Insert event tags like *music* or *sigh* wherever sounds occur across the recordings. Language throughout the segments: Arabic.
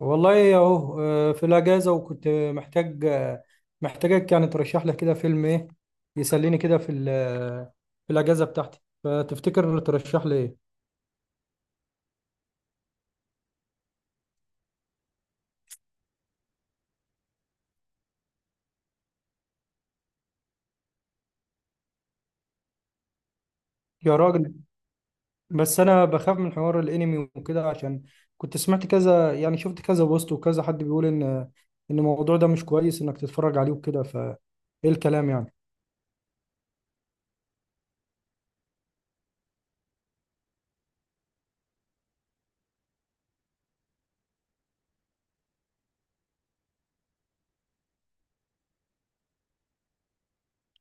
والله اهو، في الاجازه، وكنت محتاجك. يعني ترشح لي كده فيلم ايه يسليني كده في ال- آه، في الاجازه بتاعتي، فتفتكر ترشح لي ايه؟ يا راجل، بس انا بخاف من حوار الانمي وكده، عشان كنت سمعت كذا، يعني شفت كذا بوست وكذا حد بيقول ان الموضوع ده مش كويس انك تتفرج عليه وكده، فايه الكلام يعني؟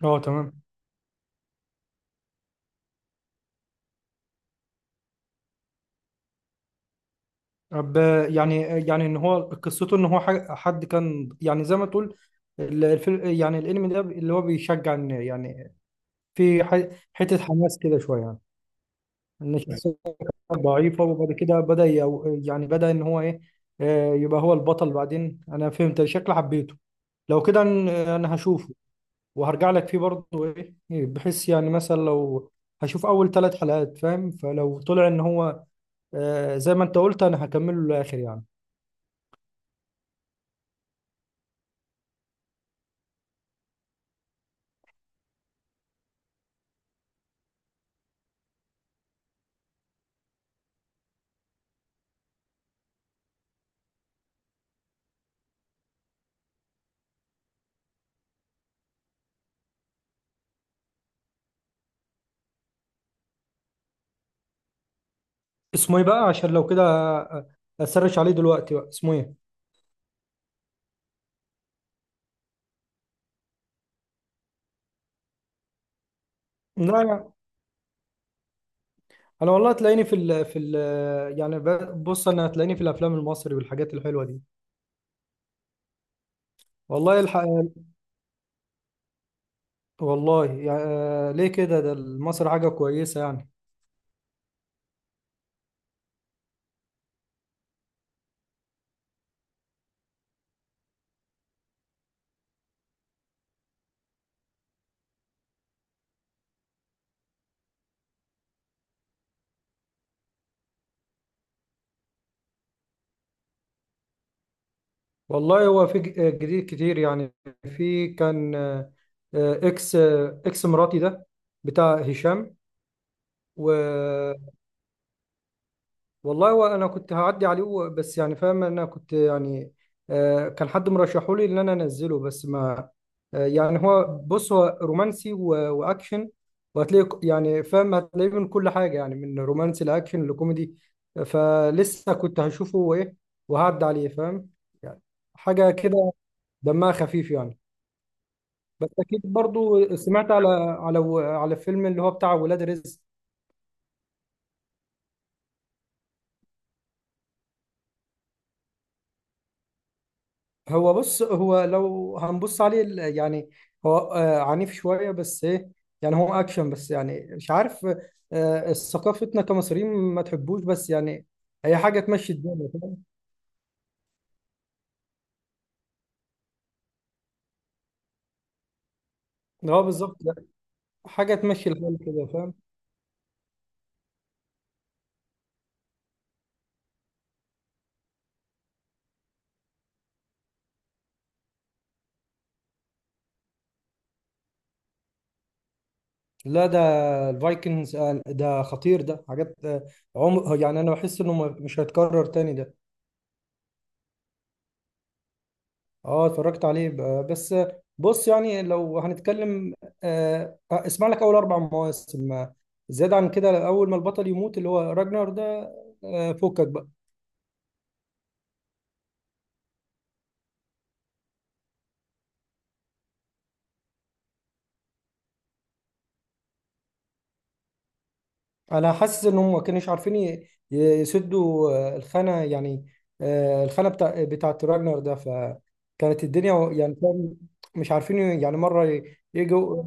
اه، تمام. يعني ان هو قصته، ان هو حد كان، يعني زي ما تقول الفيلم، يعني الانمي ده اللي هو بيشجع ان يعني في حته حماس كده شويه يعني. ان الشخصيه ضعيفه، وبعد كده بدا يعني بدا ان هو ايه، يبقى هو البطل بعدين. انا فهمت شكل حبيته. لو كده انا هشوفه، وهرجع لك فيه برضه ايه. بحيث يعني مثلا لو هشوف اول ثلاث حلقات فاهم، فلو طلع ان هو زي ما انت قلت، انا هكمله للاخر يعني. اسمه ايه بقى؟ عشان لو كده، اسرش عليه دلوقتي. بقى اسمه ايه؟ لا، لا، انا والله هتلاقيني في ال في ال يعني ب- بص، انا هتلاقيني في الافلام المصري والحاجات الحلوه دي. والله الحق. والله يعني، ليه كده؟ ده مصر حاجه كويسه يعني. والله هو في جديد كتير يعني. في كان اكس مراتي ده، بتاع هشام. والله وانا كنت هعدي عليه، بس يعني فاهم انا كنت يعني كان حد مرشحه لي ان انا انزله. بس ما آه، يعني هو، بص، هو رومانسي واكشن، وهتلاقي يعني فاهم هتلاقيه من كل حاجه، يعني من رومانسي لاكشن لكوميدي. فلسه كنت هشوفه وايه، وهعدي عليه فاهم يعني. حاجه كده دمها خفيف يعني. بس اكيد برضو سمعت على فيلم اللي هو بتاع ولاد رزق. هو، بص، هو لو هنبص عليه يعني، هو عنيف شوية، بس ايه، يعني هو اكشن، بس يعني مش عارف، ثقافتنا كمصريين ما تحبوش، بس يعني هي حاجة تمشي الدنيا، فاهم. اه، بالظبط، لا، حاجة تمشي الحال كده، فاهم. لا، ده الفايكنجز، ده خطير، ده حاجات. عمر يعني، انا بحس انه مش هيتكرر تاني ده. اه، اتفرجت عليه بس. بص، يعني لو هنتكلم، اسمع لك اول اربع مواسم. زيادة عن كده، اول ما البطل يموت اللي هو راجنر ده، فكك بقى. انا حاسس ان هم ما كانوش عارفين يسدوا الخانة يعني، الخانة بتاعت راجنر ده، فكانت الدنيا يعني، فاهم. مش عارفين يعني مرة يجوا.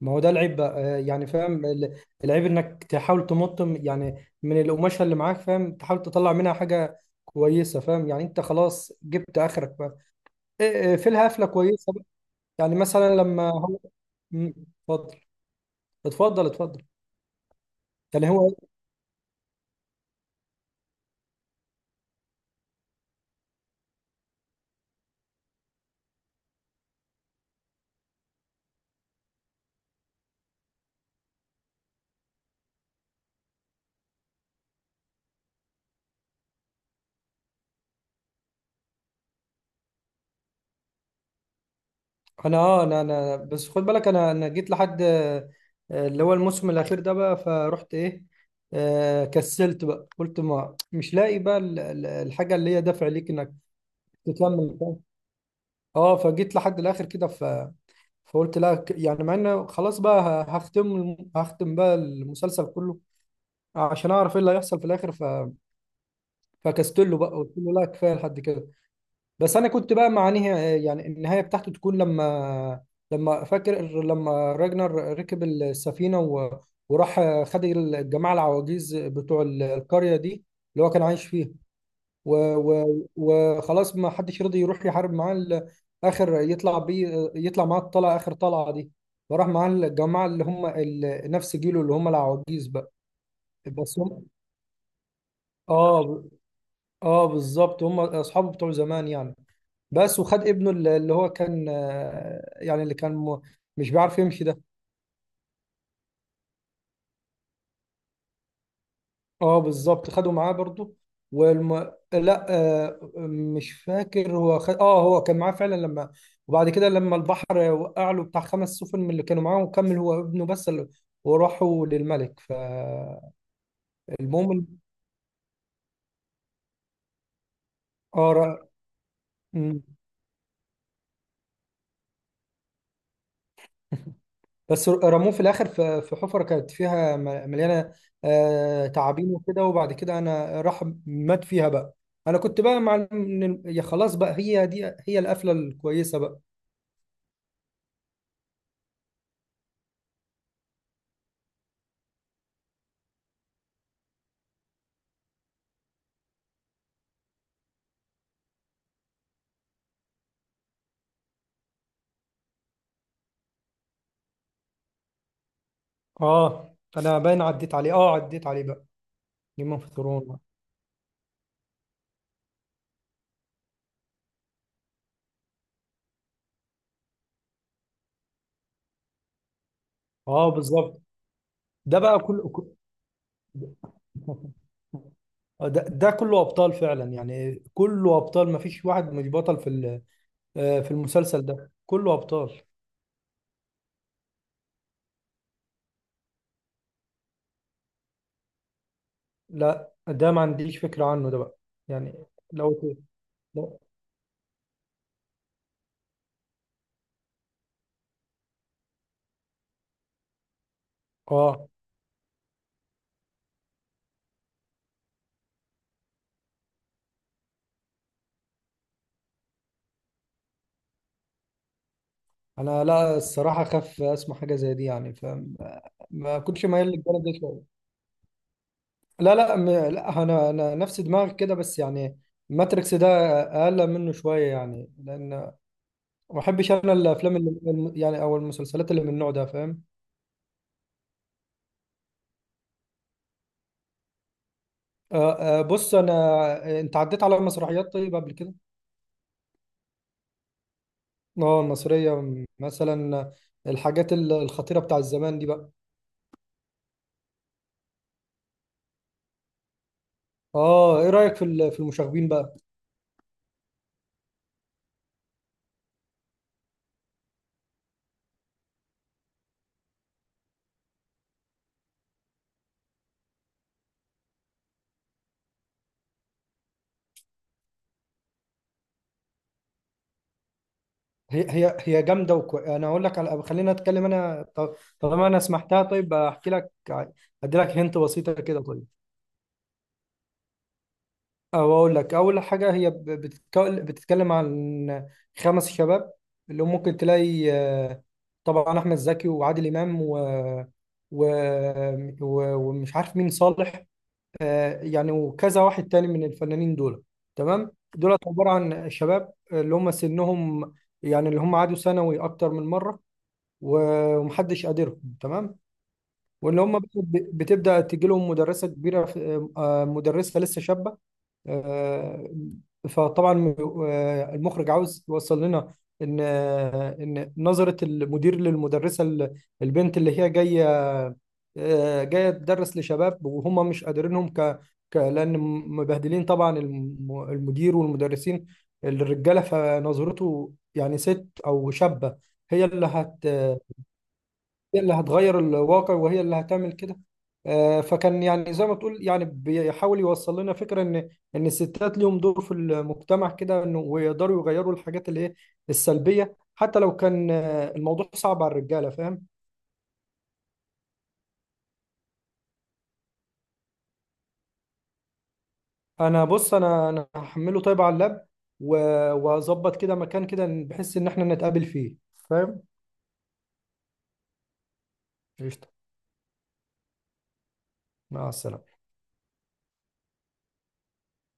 ما هو ده العيب بقى، يعني فاهم، العيب انك تحاول تمط، يعني من القماشه اللي معاك فاهم. تحاول تطلع منها حاجه كويسه فاهم، يعني انت خلاص جبت اخرك بقى، في الهفله كويسه بقى. يعني مثلا لما هو. مم، اتفضل. اتفضل، اتفضل. يعني هو. انا بس خد بالك، انا جيت لحد اللي هو الموسم الاخير ده بقى، فرحت ايه. كسلت بقى، قلت ما مش لاقي بقى الحاجه اللي هي دافع ليك انك تكمل. اه، فجيت لحد الاخر كده، فقلت لا، يعني مع ان خلاص بقى هختم هختم بقى المسلسل كله عشان اعرف ايه اللي هيحصل في الاخر، فكست له بقى، قلت له لا، كفايه لحد كده. بس انا كنت بقى مع نهاية، يعني النهايه بتاعته تكون لما، فاكر لما راجنر ركب السفينه وراح، خد الجماعه العواجيز بتوع القريه دي اللي هو كان عايش فيها. وخلاص ما حدش رضي يروح يحارب معاه اخر يطلع معاه الطلعه، اخر طلعه دي. فراح معاه الجماعه اللي هم نفس جيله، اللي هم العواجيز بقى. بس هم، اه، اه بالظبط، هم اصحابه بتوع زمان يعني. بس وخد ابنه اللي هو كان، يعني اللي كان مش بيعرف يمشي ده. اه بالظبط، خدوا معاه برضو. لا، مش فاكر هو اه، هو كان معاه فعلا. لما، وبعد كده لما البحر وقع له، بتاع خمس سفن من اللي كانوا معاه، وكمل هو ابنه بس وراحوا للملك، فالمهم. ال- اه ر... مم. بس رموه في الاخر في حفره كانت فيها مليانه تعابين وكده، وبعد كده انا راح مات فيها بقى. انا كنت بقى مع يا، خلاص بقى، هي دي هي القفله الكويسه بقى. اه، انا باين عديت عليه بقى. جيم اوف ثرون. اه بالظبط. ده بقى كله *laughs* ده كله ابطال فعلا، يعني كله ابطال، ما فيش واحد مش بطل في ال- آه، في المسلسل، ده كله ابطال. لا، ده ما عنديش فكرة عنه ده بقى، يعني لو ت- لو- اه، انا لا، الصراحة، خاف اسمع حاجة زي دي يعني، فما ما كنتش مايل للجانب ده شوية. لا، لا، لا، انا نفس دماغك كده، بس يعني ماتريكس ده اقل منه شويه يعني، لان ما بحبش انا الافلام اللي يعني او المسلسلات اللي من النوع ده، فاهم. بص، انا، انت عديت على مسرحيات طيب قبل كده؟ اه، المصريه، مثلا الحاجات الخطيره بتاع الزمان دي بقى. اه، ايه رايك في المشاغبين بقى؟ هي جامده، انا اقول لك على، خلينا اتكلم، انا طالما انا سمحتها، طيب احكي لك. ادي لك هنت بسيطه كده، طيب. أو أقول لك، أول حاجة، هي بتتكلم عن خمس شباب، اللي هم ممكن تلاقي، طبعا أحمد زكي، وعادل إمام، و... ومش عارف مين صالح. يعني وكذا واحد تاني من الفنانين دول. تمام، دول عبارة عن شباب، اللي هم سنهم يعني اللي هم عادوا ثانوي أكتر من مرة، ومحدش قادرهم، تمام. واللي هم بتبدأ تجيلهم مدرسة كبيرة، مدرسة لسه شابة. آه، فطبعا المخرج عاوز يوصل لنا ان نظرة المدير للمدرسة، البنت اللي هي جاية، جاية تدرس لشباب، وهم مش قادرينهم لأن مبهدلين طبعا، المدير والمدرسين، الرجالة، فنظرته يعني ست أو شابة، هي اللي هت هي اللي هتغير الواقع، وهي اللي هتعمل كده. فكان يعني زي ما تقول، يعني بيحاول يوصل لنا فكرة ان الستات ليهم دور في المجتمع كده، انه ويقدروا يغيروا الحاجات اللي ايه السلبية، حتى لو كان الموضوع صعب على الرجالة، فاهم. انا، بص، انا هحمله طيب على اللاب، و- واظبط كده مكان كده بحيث ان احنا نتقابل فيه، فاهم. قشطة. مع السلامة.